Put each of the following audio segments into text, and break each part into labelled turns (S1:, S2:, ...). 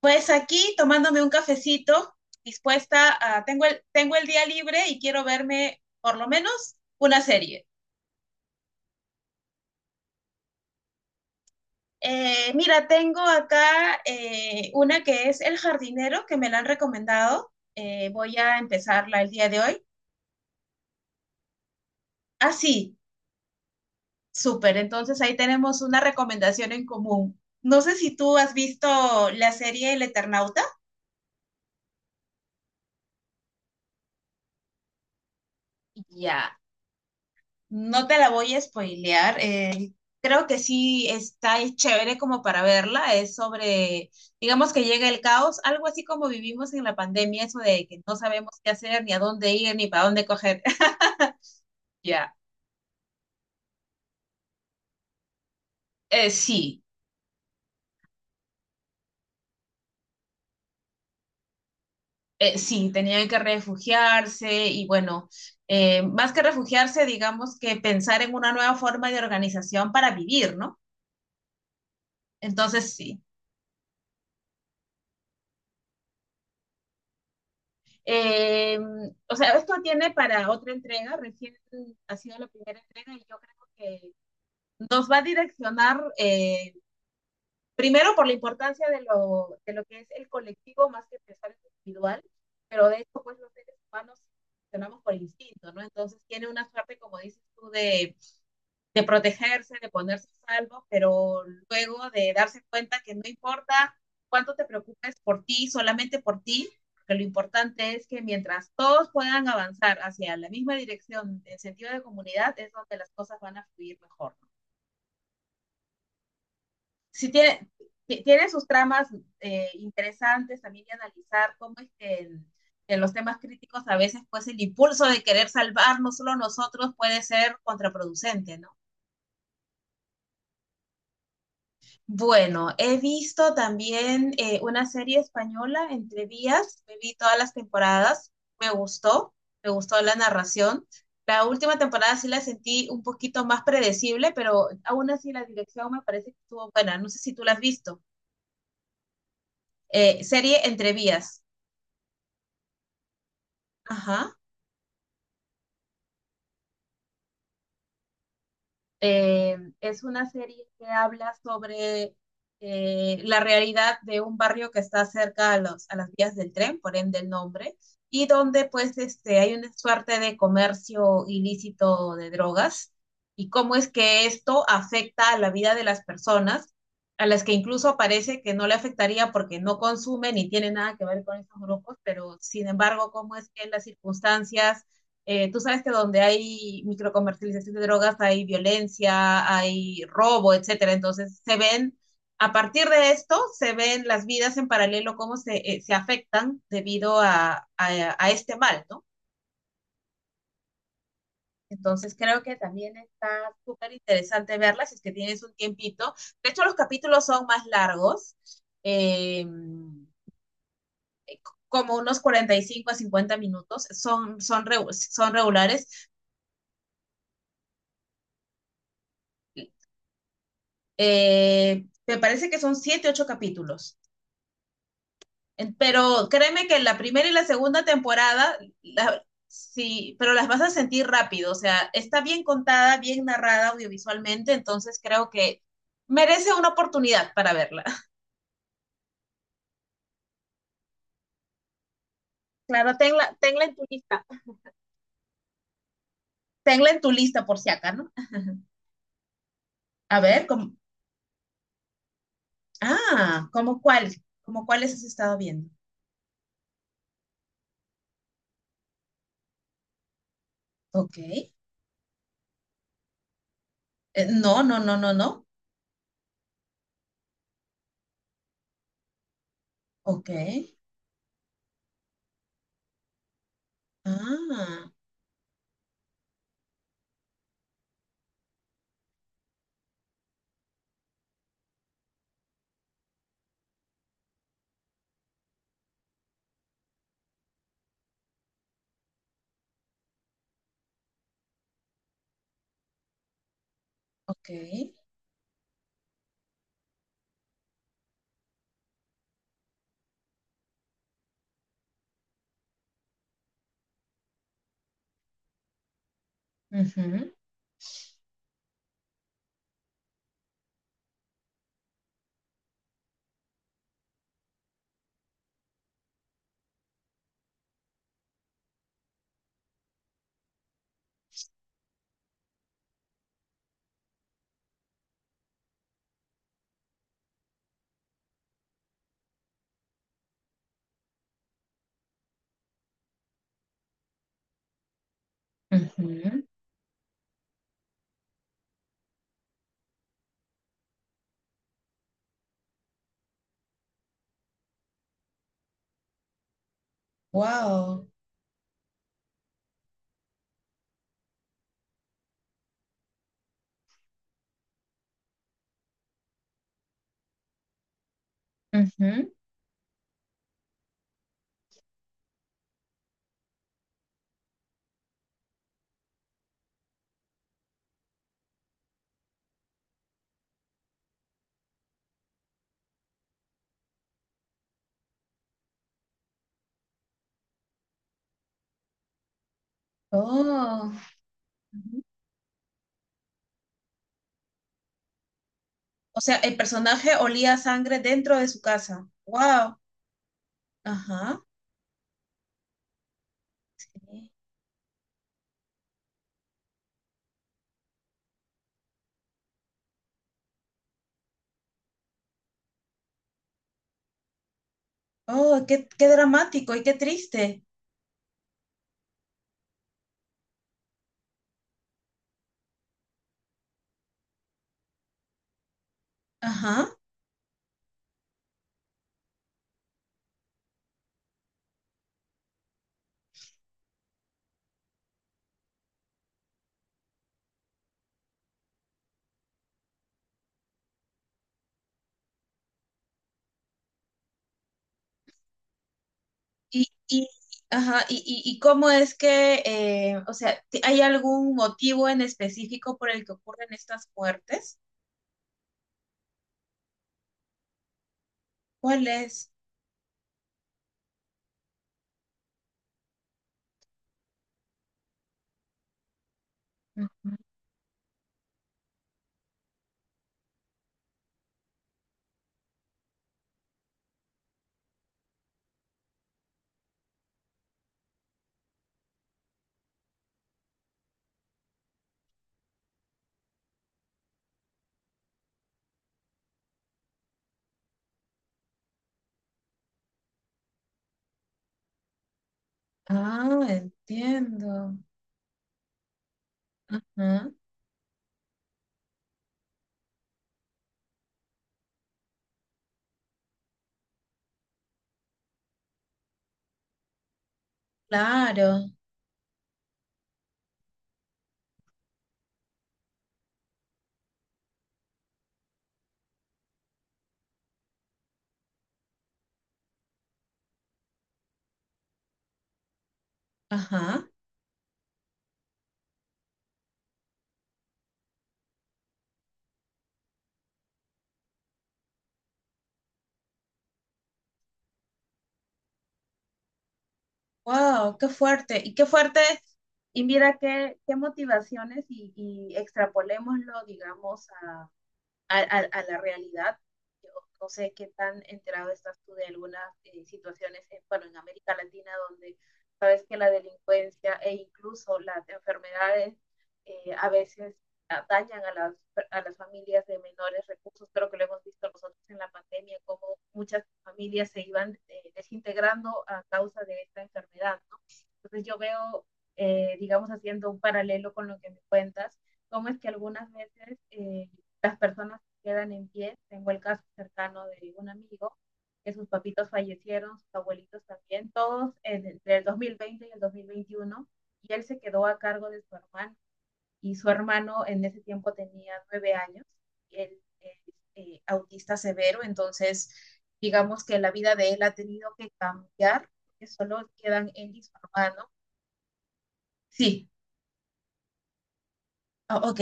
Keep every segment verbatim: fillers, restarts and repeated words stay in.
S1: Pues aquí tomándome un cafecito, dispuesta a, tengo el, tengo el día libre y quiero verme por lo menos una serie. Eh, mira, tengo acá eh, una que es El Jardinero, que me la han recomendado. Eh, voy a empezarla el día de hoy. Ah, sí, súper. Entonces ahí tenemos una recomendación en común. No sé si tú has visto la serie El Eternauta. Ya. No te la voy a spoilear. Eh, creo que sí está es chévere como para verla. Es sobre, digamos que llega el caos, algo así como vivimos en la pandemia, eso de que no sabemos qué hacer, ni a dónde ir, ni para dónde coger. Ya, eh, sí, eh, sí, tenían que refugiarse y bueno, eh, más que refugiarse, digamos que pensar en una nueva forma de organización para vivir, ¿no? Entonces, sí. Eh, o sea, esto tiene para otra entrega, recién ha sido la primera entrega y yo creo que nos va a direccionar eh, primero por la importancia de lo, de lo que es el colectivo más que pensar en lo individual, pero de hecho pues los seres humanos funcionamos por instinto, ¿no? Entonces tiene una suerte, como dices tú, de de protegerse, de ponerse a salvo, pero luego de darse cuenta que no importa cuánto te preocupes por ti, solamente por ti, porque lo importante es que mientras todos puedan avanzar hacia la misma dirección en sentido de comunidad, es donde las cosas van a fluir mejor. Si tiene, tiene sus tramas eh, interesantes también de analizar cómo es que en, en, los temas críticos a veces pues el impulso de querer salvarnos solo nosotros puede ser contraproducente, ¿no? Bueno, he visto también eh, una serie española, Entre Vías, me vi todas las temporadas, me gustó, me gustó la narración. La última temporada sí la sentí un poquito más predecible, pero aún así la dirección me parece que estuvo buena. No sé si tú la has visto. Eh, serie Entre Vías. Eh, es una serie que habla sobre eh, la realidad de un barrio que está cerca a, los, a las vías del tren, por ende el nombre, y donde pues este, hay una suerte de comercio ilícito de drogas y cómo es que esto afecta a la vida de las personas, a las que incluso parece que no le afectaría porque no consumen ni tiene nada que ver con estos grupos, pero sin embargo, cómo es que en las circunstancias eh, tú sabes que donde hay microcomercialización de drogas hay violencia, hay robo, etcétera. Entonces se ven, a partir de esto, se ven las vidas en paralelo, cómo se, eh, se afectan debido a, a, a, este mal, ¿no? Entonces creo que también está súper interesante verlas si es que tienes un tiempito. De hecho, los capítulos son más largos. Eh, Como unos cuarenta y cinco a cincuenta minutos, son, son, re- son regulares. Eh, me parece que son siete, ocho capítulos. En- Pero créeme que la primera y la segunda temporada, la- sí, pero las vas a sentir rápido. O sea, está bien contada, bien narrada audiovisualmente, entonces creo que merece una oportunidad para verla. Claro, tenla, tenla en tu lista. Tenla en tu lista por si acá, ¿no? A ver, como, ah, ¿cómo cuál? ¿Cómo cuáles has estado viendo? Ok. Eh, no, no, no, no, no. Ok. Ah, ok. Ujú. Ujú. Wow. Ujú. Oh. Ujú. O sea, el personaje olía a sangre dentro de su casa. Wow. Ajá. Sí. Oh, qué, qué dramático y qué triste. Ajá. Y, y, ajá, y, y, y cómo es que, eh, o sea, ¿t- ¿hay algún motivo en específico por el que ocurren estas muertes? ¿Cuál es? Ujú. Ah, entiendo. Ajá. Claro. Ajá. Wow, qué fuerte. Y qué fuerte, y mira qué, qué motivaciones y, y extrapolémoslo, digamos, a, a, a la realidad. Yo no sé qué tan enterado estás tú de algunas eh, situaciones, en, bueno, en América Latina, donde sabes que la delincuencia e incluso las enfermedades eh, a veces dañan a las, a las familias de menores recursos. Creo que lo hemos visto nosotros en la pandemia, cómo muchas familias se iban eh, desintegrando a causa de esta enfermedad, ¿no? Entonces yo veo, eh, digamos, haciendo un paralelo con lo que me cuentas, cómo es que algunas veces eh, las personas quedan en pie. Tengo el caso cercano de un amigo que sus papitos fallecieron, sus abuelitos también, todos en- entre el dos mil veinte y el dos mil veintiuno, y él se quedó a cargo de su hermano. Y su hermano en ese tiempo tenía nueve años, él es eh, autista severo, entonces digamos que la vida de él ha tenido que cambiar, que solo quedan él y su hermano. Sí, ah, ok.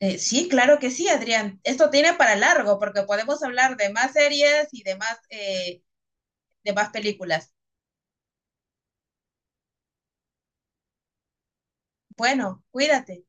S1: Eh, sí, claro que sí, Adrián. Esto tiene para largo porque podemos hablar de más series y de más, eh, de más películas. Bueno, cuídate.